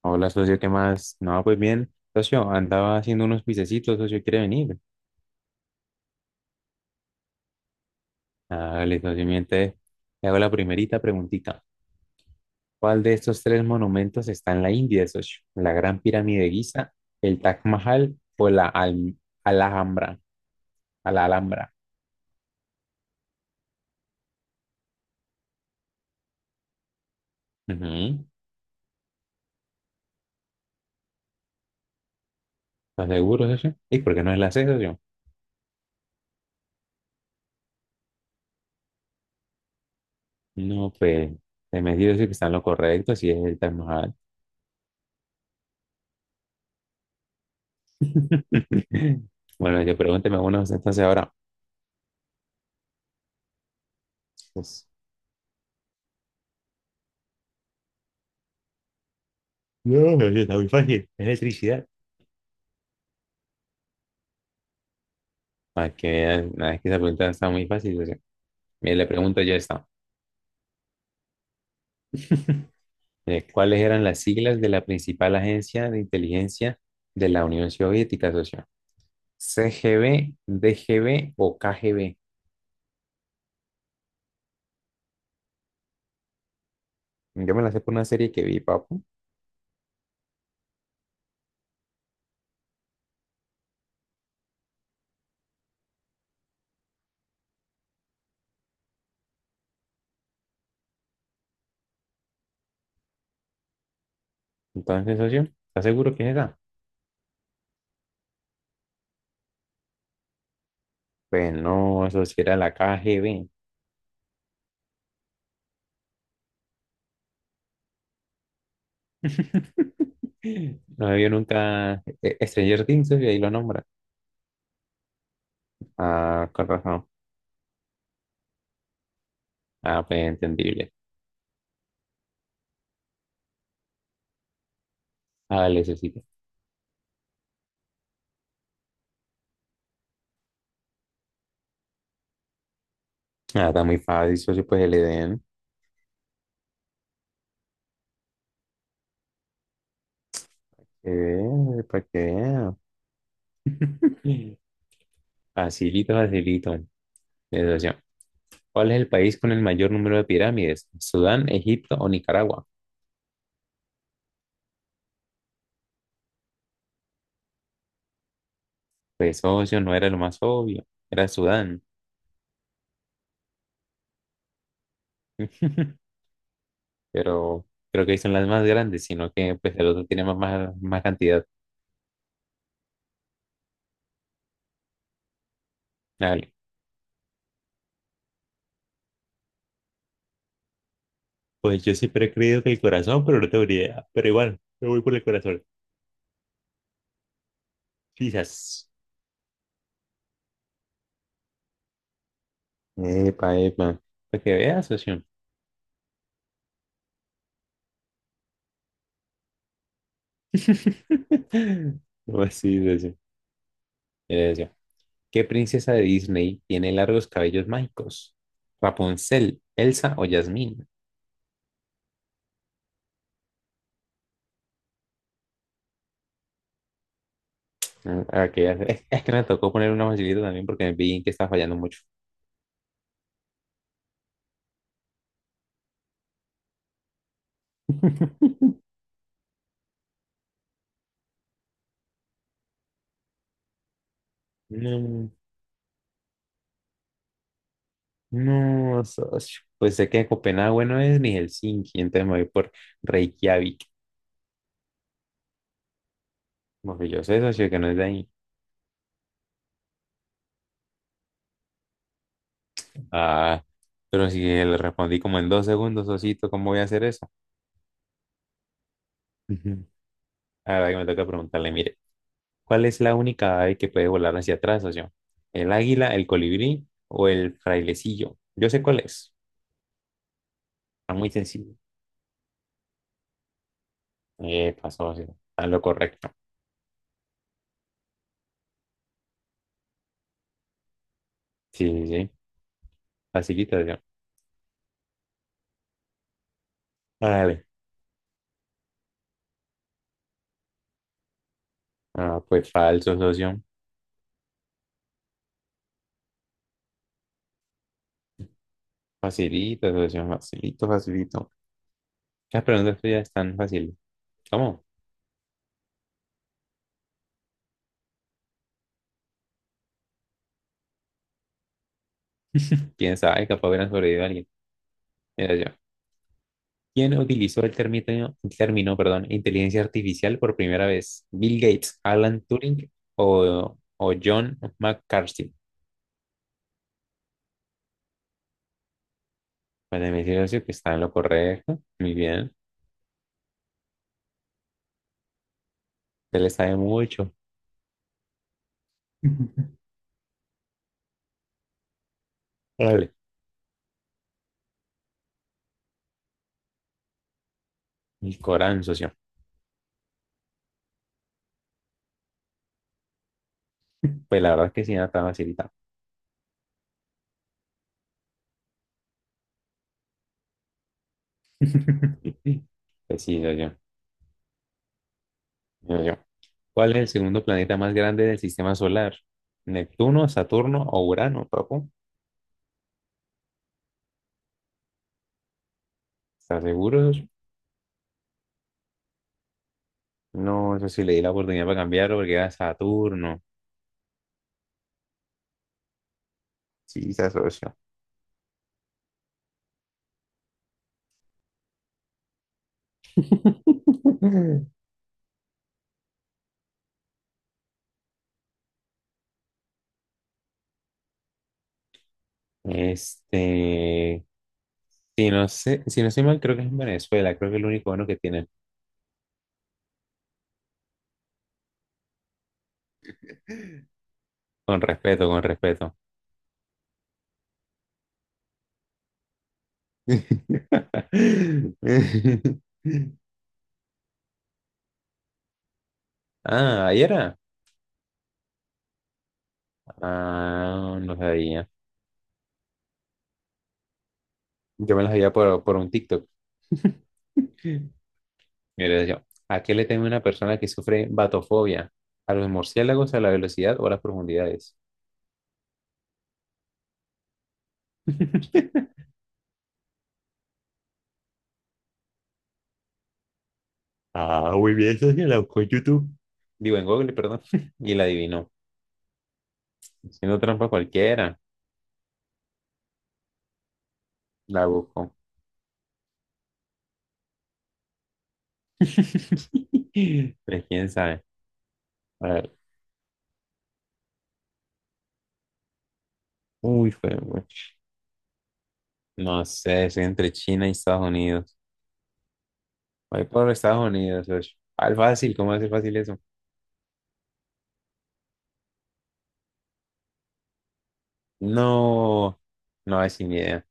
Hola, socio, ¿qué más? No, pues bien, socio, andaba haciendo unos pisecitos, socio, ¿quiere venir? Dale, socio, miente. Le hago la primerita preguntita. ¿Cuál de estos tres monumentos está en la India, socio? ¿La Gran Pirámide de Giza, el Taj Mahal o la Alhambra? A la Alhambra. Ujú. ¿Estás seguro, socio? ¿Y por qué no es la C, socio? No, pues, se me dice que están lo correcto, si es el Taj Mahal. Bueno, yo pregúnteme uno, entonces ahora. Pues, no, socio, está muy fácil. Es electricidad. Para que veas, nada, que esa pregunta está muy fácil. O sea, mira, le pregunto ya está. ¿Cuáles eran las siglas de la principal agencia de inteligencia de la Unión Soviética, socio? ¿CGB, DGB o KGB? Yo me la sé por una serie que vi, papu. Entonces, socio, ¿estás seguro que es esa? Pues no, eso sí era la KGB. No me vio nunca Stranger Things, socio, ahí lo nombra. Ah, con razón. Ah, pues entendible. Ah, le necesito. Ah, está muy fácil, socio, pues el EDN. Para que vean. Facilito, facilito. Socio, ¿cuál es el país con el mayor número de pirámides? ¿Sudán, Egipto o Nicaragua? Pues, socio, no era lo más obvio. Era Sudán. Pero creo que son las más grandes, sino que pues el otro tiene más, más cantidad. Dale. Pues yo siempre he creído que el corazón, pero no tengo ni idea. Pero igual, me voy por el corazón. Quizás. Epa, epa. Para que veas, socio. Pues sí, socio. ¿Qué princesa de Disney tiene largos cabellos mágicos? ¿Rapunzel, Elsa o Jasmine? Mm, ok, es, es que me tocó poner una facilita también porque vi que estaba fallando mucho. No, no, socio. Pues sé que Copenhague no es ni Helsinki, entonces me voy por Reykjavik. Porque yo sé, socio, que no es de ahí. Ah, pero si le respondí como en dos segundos, socito, ¿cómo voy a hacer eso? Ujú. Ahora que me toca preguntarle, mire. ¿Cuál es la única ave que puede volar hacia atrás, socio? ¿El águila, el colibrí o el frailecillo? Yo sé cuál es. Está muy sencillo. Pasó, socio. Está en lo correcto. Sí, sí, sí. Facilita, socio. Dale. Ah, pues falso, socio. Facilito, socio. Facilito, facilito. Las preguntas tuyas están fáciles. ¿Cómo? ¿Quién sabe? Capaz hubieran sobrevivido a alguien. Mira yo. ¿Quién utilizó el término, perdón, inteligencia artificial por primera vez? ¿Bill Gates, Alan Turing o, John McCarthy? Bueno, me dice que está en lo correcto. Muy bien. Usted le sabe mucho. Vale. El Corán, socio. Pues la verdad es que sí, nada tan facilitado. Pues sí, socio. Yo, yo. ¿Cuál es el segundo planeta más grande del sistema solar? ¿Neptuno, Saturno o Urano, papu? ¿Estás seguro, socio? No, eso sí le di la oportunidad para cambiarlo porque era Saturno. Sí, se asoció. Este, si no sé, si no estoy mal, creo que es en Venezuela, creo que es el único bueno que tienen. Con respeto, con respeto. Ah, ahí era. Ah, no sabía. Yo me las veía por un TikTok. Mira, yo, ¿a qué le teme una persona que sufre batofobia? ¿A los murciélagos, a la velocidad o a las profundidades? Ah, muy bien, eso sí, la buscó en YouTube. Digo, en Google, perdón. Y la adivinó. Haciendo trampa cualquiera. La busco. Pero quién sabe. A ver. Uy, fue mucho. No sé, soy entre China y Estados Unidos. Voy por Estados Unidos. Ush. Al fácil, ¿cómo hace fácil eso? No, no es sin idea.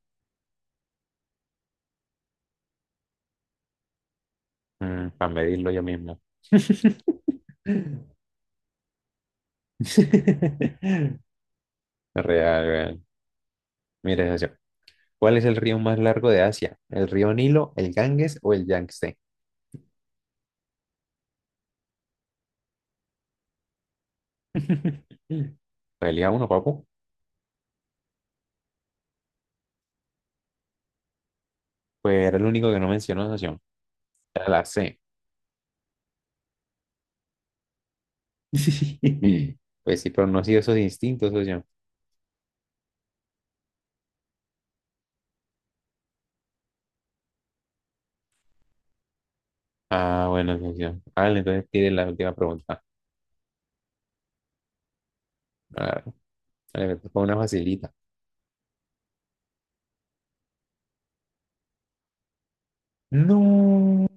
Mm, para medirlo yo mismo. Real, real. Mira esa opción. ¿Cuál es el río más largo de Asia? ¿El río Nilo, el Ganges o el Yangtze? Pues elija uno, papu. Pues era el único que no mencionó, socio. Era la C. Pues sí, pero no pronunció esos instintos, socio. Ah, bueno, socio. Vale, entonces tiene la última pregunta. Ah, vale, fue una facilita. No,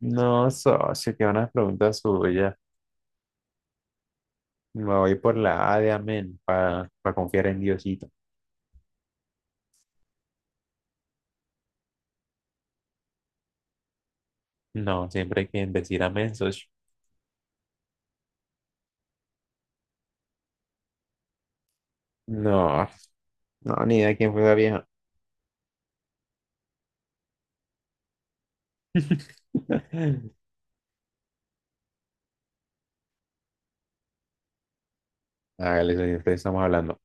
no, socio, que una pregunta suya. Me voy por la A de amén para confiar en Diosito. No, siempre hay que decir amén, socio. No, no, ni idea quién fue la vieja. Hágale, socio, ustedes estamos hablando.